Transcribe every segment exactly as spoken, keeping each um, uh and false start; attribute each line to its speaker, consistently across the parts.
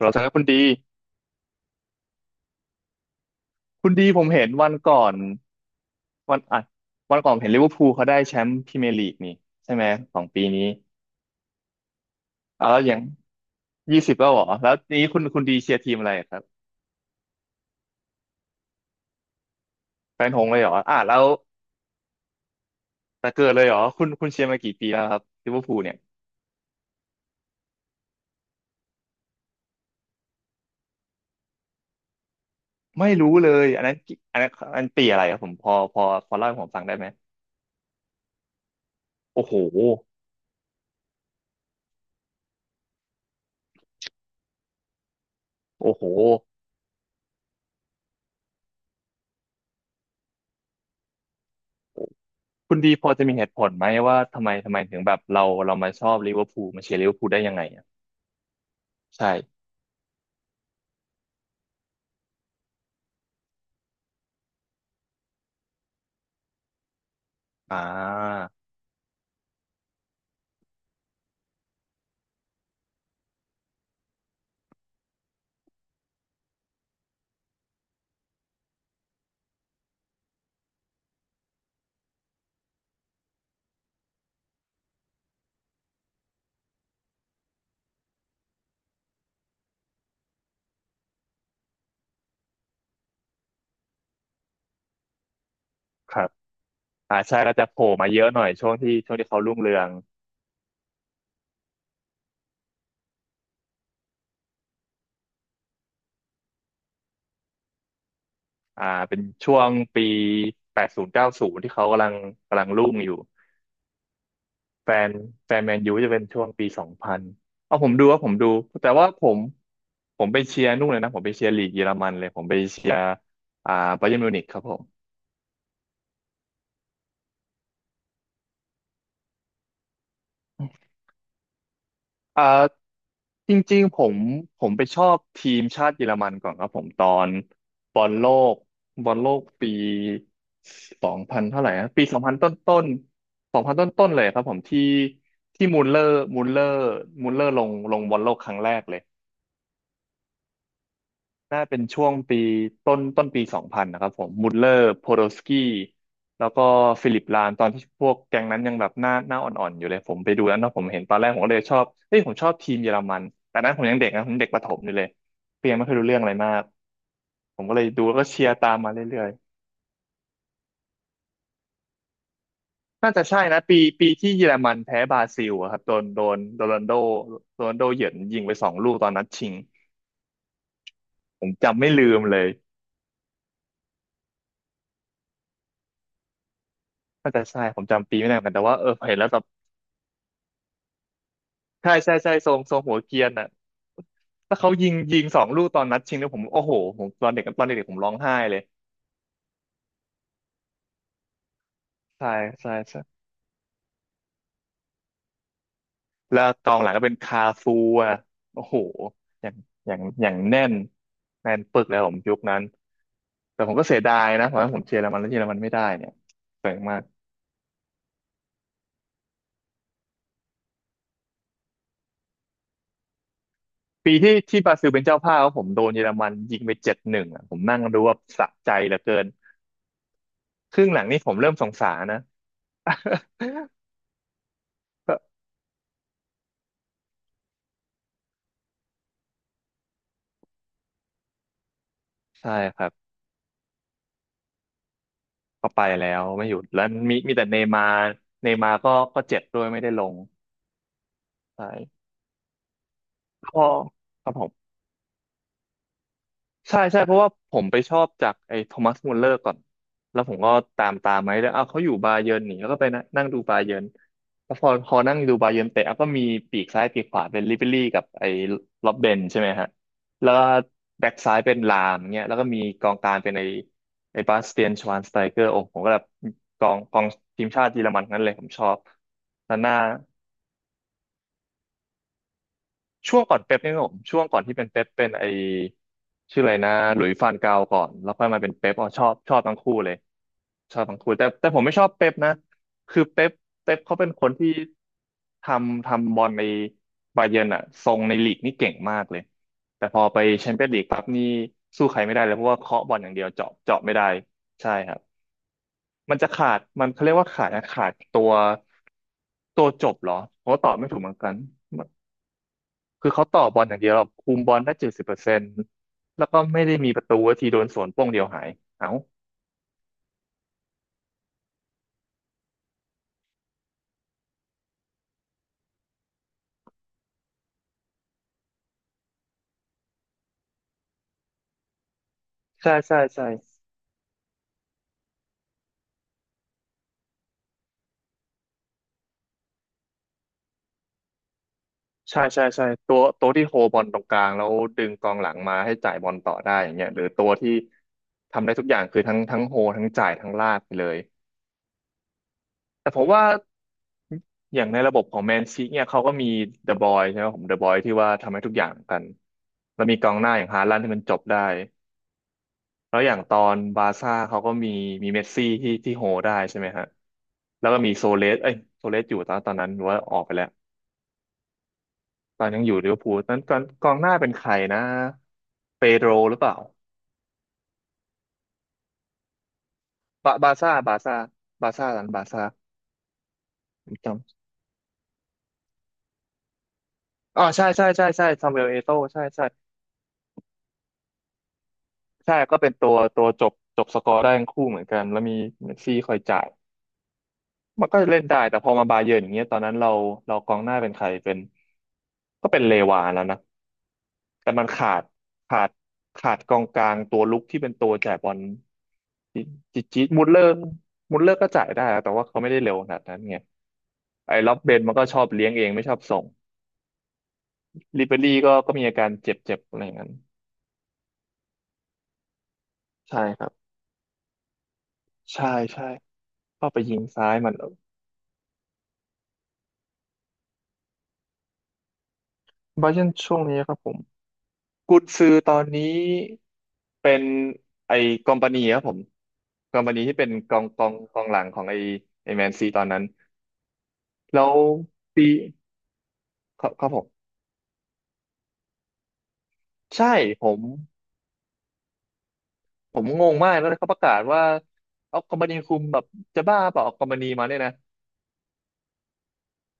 Speaker 1: เราจะให้คุณดีคุณดีผมเห็นวันก่อนวันอ่ะวันก่อนเห็นลิเวอร์พูลเขาได้แชมป์พรีเมียร์ลีกนี่ใช่ไหมของปีนี้อ่ะแล้วอย่างยี่สิบแล้วเหรอแล้วนี้คุณคุณดีเชียร์ทีมอะไรครับแฟนหงส์เลยเหรออ่ะแล้วแต่เกิดเลยเหรอคุณคุณเชียร์มากี่ปีแล้วครับลิเวอร์พูลเนี่ยไม่รู้เลยอันนั้นกี่อันนั้นอันปีอะไรครับผมพอพอพอเล่าให้ผมฟังได้ไหมโอ้โหโอ้โหคุณดีพอจะมีเหตุผลไหมว่าทำไมทำไมถึงแบบเราเรามาชอบลิเวอร์พูลมาเชียร์ลิเวอร์พูลได้ยังไงอะใช่อ่า ครับอ่าใช่ก็จะโผล่มาเยอะหน่อยช่วงที่ช่วงที่เขารุ่งเรืองอ่าเป็นช่วงปีแปดศูนย์เก้าศูนย์ที่เขากำลังกำลังรุ่งอยู่แฟนแฟนแมนยูจะเป็นช่วงปีสองพันเอาผมดูว่าผมดูแต่ว่าผมผมไปเชียร์นู่นเลยนะผมไปเชียร์ลีกเยอรมันเลยผมไปเชียร์อ่าบาเยิร์นมิวนิกครับผม อ่าจริงๆผมผมไปชอบทีมชาติเยอรมันก่อนครับผมตอนบอลโลกบอลโลกปีสองพันเท่าไหร่นะปีสองพันต้นต้นสองพันต้นต้นๆเลยครับผมที่ที่มูลเลอร์มูลเลอร์มูลเลอร์ลงลงบอลโลกครั้งแรกเลย น่าเป็นช่วงปีต้นต้นปีสองพันนะครับผมมุลเลอร์โพโดสกี้แล้วก็ฟิลิปลานตอนที่พวกแก๊งนั้นยังแบบหน้าหน้าอ่อนๆอยู่เลยผมไปดูแล้วเนาะผมเห็นตอนแรกผมก็เลยชอบเฮ้ยผมชอบทีมเยอรมันแต่นั้นผมยังเด็กนะผมเด็กประถมอยู่เลยเพียงไม่เคยรู้เรื่องอะไรมากผมก็เลยดูแล้วก็เชียร์ตามมาเรื่อยๆน่าจะใช่นะปีปีที่เยอรมันแพ้บราซิลอะครับโดนโดนโดนัลโดโรนัลโดเหยินยิงไปสองลูกตอนนัดชิงผมจำไม่ลืมเลยน่าจะใช่ผมจำปีไม่ได้เหมือนกันแต่ว่าเออเห็นแล้ว ใช่ใช่ใช่ทรงทรงหัวเกรียนอ่ะถ้าเขายิงยิงสองลูกตอนนัดชิงเนี่ยผมโอ้โหผมตอนเด็กตอนเด็กๆผมร้องไห้เลยใช่ใช่ใช่แล้วกองหลังก็เป็นคาฟูอ่ะโอ้โหอย่างอย่างอย่างแน่นแน่นปึกเลยผมยุคนั้นแต่ผมก็เสียดายนะเพราะว่าผมเชียร์เยอรมันแล้วเยอรมันไม่ได้เนี่ยเสียงมากปีที่ที่บราซิลเป็นเจ้าภาพผมโดนเยอรมันยิงไปเจ็ดหนึ่งอ่ะผมนั่งดูว่าสะใจเหลือเกินครึ่งหลังนี่ผมเริ่มสงสารนะ ใช่ครับ ก็ไปแล้วไม่หยุดแล้วมีมีแต่เนย์มาร์เนย์มาร์ก็ก็เจ็บด้วยไม่ได้ลงใช่ก็ครับผม ใช่ใช่เพราะว่าผมไปชอบจากไอ้โทมัสมุลเลอร์ก่อนแล้วผมก็ตามตามไหมาแล้วเอาวเขาอยู่บาเยิร์นนี่แล้วก็ไปนะนั่งดูบาเยิร์นแล้วพอพอนั่งดูบาเยิร์นเตะอ่ะก็มีปีกซ้ายปีกขวาเป็นลิเบรี่กับไอ้ล็อบเบนใช่ไหมฮะแล้วแบ็กซ้ายเป็นลามเงี้ยแล้วก็มีกองกลางเป็นไอ้ไอ้บาสเตียนชวานสไตเกอร์โอ้โหผมก็แบบกองกองทีมชาติเยอรมันทั้งนั้นเลยผมชอบแล้วหน้า ช่วงก่อนเป๊ปนี่ครับผมช่วงก่อนที่เป็นเป๊ปเป็นไอชื่ออะไรนะหลุยส์ฟานกาลก่อนแล้วค่อยมาเป็นเป๊ปอ๋อชอบชอบทั้งคู่เลยชอบทั้งคู่แต่แต่ผมไม่ชอบเป๊ปนะคือเป๊ปเป๊ปเขาเป็นคนที่ทำทำบอลในบาเยิร์นอะทรงในลีกนี่เก่งมากเลยแต่พอไปแชมเปี้ยนลีกปั๊บนี่สู้ใครไม่ได้เลยเพราะว่าเคาะบอลอย่างเดียวเจาะเจาะไม่ได้ใช่ครับมันจะขาดมันเขาเรียกว่าขาดนะขาดตัวตัวจบเหรอผมก็ตอบไม่ถูกเหมือนกัน คือเขาต่อบอลอย่างเดียวแบบคุมบอลได้เจ็ดสิบเปอร์เซ็นต์แล้วก็ไม่ได้มีประตูว่าทีโดนสวนโป้งเดียวหายเอ้าใช่ใช่ใช่ใช่ใช่ใช่ตัวตัวที่โฮบอลตรงกลางแล้วดึงกองหลังมาให้จ่ายบอลต่อได้อย่างเงี้ยหรือตัวที่ทำได้ทุกอย่างคือทั้งทั้งโฮทั้งจ่ายทั้งลากไปเลยแต่ผมว่าอย่างในระบบของแมนซีเนี่ยเขาก็มีเดอะบอยใช่ไหมผมเดอะบอยที่ว่าทำให้ทุกอย่างเหมือนกันแล้วมีกองหน้าอย่างฮาลันด์ที่มันจบได้ แล้วอย่างตอนบาร์ซ่าเขาก็มีมีเมสซี่ที่ที่โฮได้ใช่ไหมฮะแล้วก็มีโซเลสเอ้ยโซเลสอยู่ตอนตอนนั้นหรือว่าออกไปแล้วตอนยังอยู่ลิเวอร์พูลนั้นตอนกองหน้าเป็นใครนะเปโดรหรือเปล่าบาบาร์ซ่าบาร์ซ่าบาร์ซ่าตอนบาร์ซ่าผมจำอ๋อใช่ใช่ใช่ใช่ซามูเอลเอโต้ใช่ใช่ใช่ก็เป็นตัวตัวจบจบสกอร์ได้ทั้งคู่เหมือนกันแล้วมีเมสซี่คอยจ่ายมันก็เล่นได้แต่พอมาบาเยิร์นอย่างเงี้ยตอนนั้นเราเรากองหน้าเป็นใครเป็นก็เป็นเลวานแล้วนะ แต่มันขาดขาดขาดกองกลางตัวลุกที่เป็นตัวจ่ายบอลจิจิจมุดเลอร์มุลเลอร์ก็จ่ายได้นะแต่ว่าเขาไม่ได้เร็วขนาดนั้นไงไอ้ล็อบเบนมันก็ชอบเลี้ยงเองไม่ชอบส่งริเบรี่ก็ก็มีอาการเจ็บเจ็บอะไรอย่างนั้นใช่ครับใช่ใช่เข้าไปยิงซ้ายมันบาเยิร์นช่วงนี้ครับผมกุนซือตอนนี้เป็นไอ้กอมปานีครับผมกอมปานีที่เป็นกองกองกองหลังของไอ้ไอ้แมนซีตอนนั้นแล้วปี ครับครับผมใช่ผมผมงงมากแล้วเขาประกาศว่าเอาคอมมานีคุมแบบจะบ้าเปล่าเอาคอมพานีมาเนี่ยนะ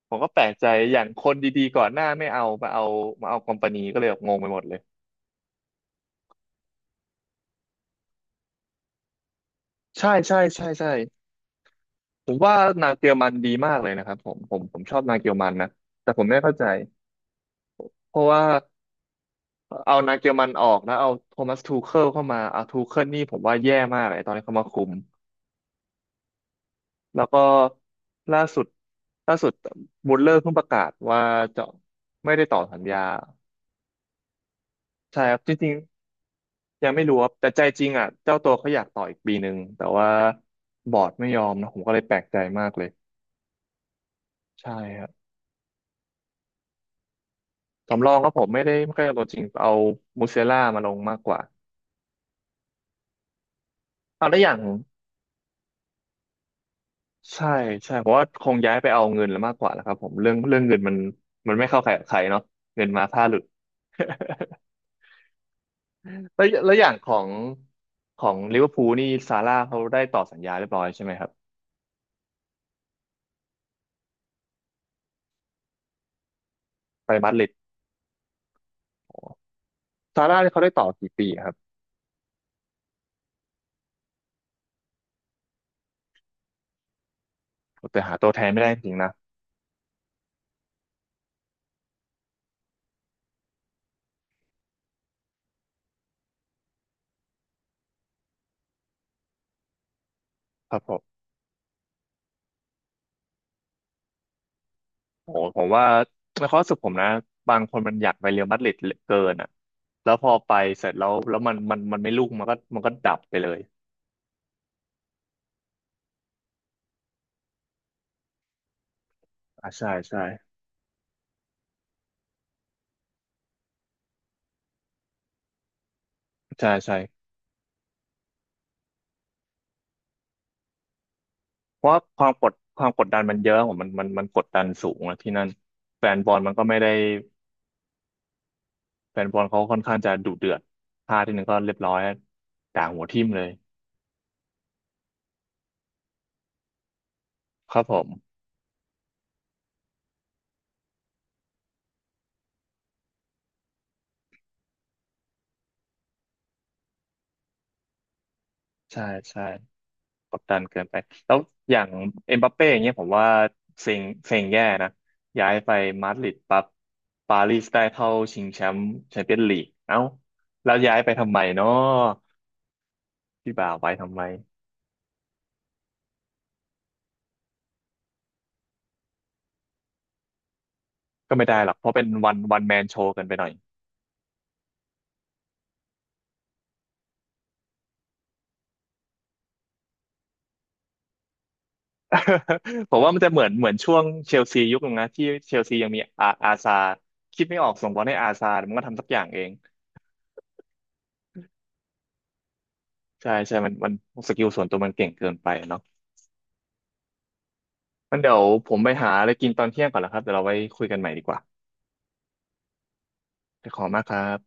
Speaker 1: ผมก็แปลกใจอย่างคนดีๆก่อนหน้าไม่เอามาเอามาเอาคอมพานีก็เลยแบบงงไปหมดเลยใช่ใช่ใช่ใช่ผมว่านางเกียวมันดีมากเลยนะครับผมผมผมชอบนางเกียวมันนะแต่ผมไม่เข้าใจเพราะว่าเอานางเกียวมันออกแล้วเอาโทมัสทูเคิลเข้ามาเอาทูเคิลนี่ผมว่าแย่มากเลยตอนที่เขามาคุม แล้วก็ล่าสุดล่าสุดบูลเลอร์เพิ่งประกาศว่าจะไม่ได้ต่อสัญญาใช่ครับจริงๆยังไม่รู้ครับแต่ใจจริงอ่ะเจ้าตัวเขาอยากต่ออีกปีหนึ่งแต่ว่าบอร์ดไม่ยอมนะผมก็เลยแปลกใจมากเลยใช่ครับสำรองก็ผมไม่ได้ไม่ค่อยเอาตัวจริงเอามูเซล่ามาลงมากกว่าเอาได้อย่างใช่ใช่เพราะว่าคงย้ายไปเอาเงินแล้วมากกว่าแล้วครับผมเรื่องเรื่องเงินมันมันไม่เข้าใครออกใครเนาะเงินมาถ้าหลุด แล้วแล้วอย่างของของลิเวอร์พูลนี่ซาร่าเขาได้ต่อสัญญาเรียบร้อยใช่ไหมครับไปมาดริดซาร่าเนี่ยเขาได้ต่อกี่ปีครับแต่หาตัวแทนไม่ได้จริงๆนะครับผมโอ้โหผมว่าในความรู้สึกผมนะบางคนมันอยากไปเรอัลมาดริดเหลือเกินอ่ะแล้วพอไปเสร็จแล้วแล้วมันมันมันไม่ลุ่งมันก็มันก็ดับไปเลยอ่าใช่ใช่ใช่ใช่เพราะว่าความกดความกดดันมันเยอะผมมันมันมันกดดันสูงอะที่นั่นแฟนบอลมันก็ไม่ได้ แฟนบอลเขาค่อนข้างจะดุเดือดพลาดทีหนึ่งก็เรียบร้อย ด่าหัวทิ่มเลยครับผมใช่ใช่กดดันเกินไป แล้วอย่างเอ็มบัปเป้อย่างเงี้ยผมว่าเซ็งเซ็งแย่นะ ย้ายไปมาดริดปั๊บปารีสได้เข้าชิงแชมป์แชมเปี้ยนลีกเอ้าแล้วย้ายไปทำไมเนาะพี่บ่าวไปทำไม ก็ไม่ได้หรอกเพราะเป็นวันวันแมนโชว์กันไปหน่อย ผมว่ามันจะเหมือนเหมือนช่วงเชลซียุคนึงนะที่เชลซียังมีอาอาซาร์คิดไม่ออกส่งบอลให้อาซาร์มันก็ทำสักอย่างเองใช่ใช่มันมันสกิลส่วนตัวมันเก่งเกินไปเนาะมันเดี๋ยวผมไปหาอะไรกินตอนเที่ยงก่อนแล้วครับเดี๋ยวเราไว้คุยกันใหม่ดีกว่าขอบคุณมากครับ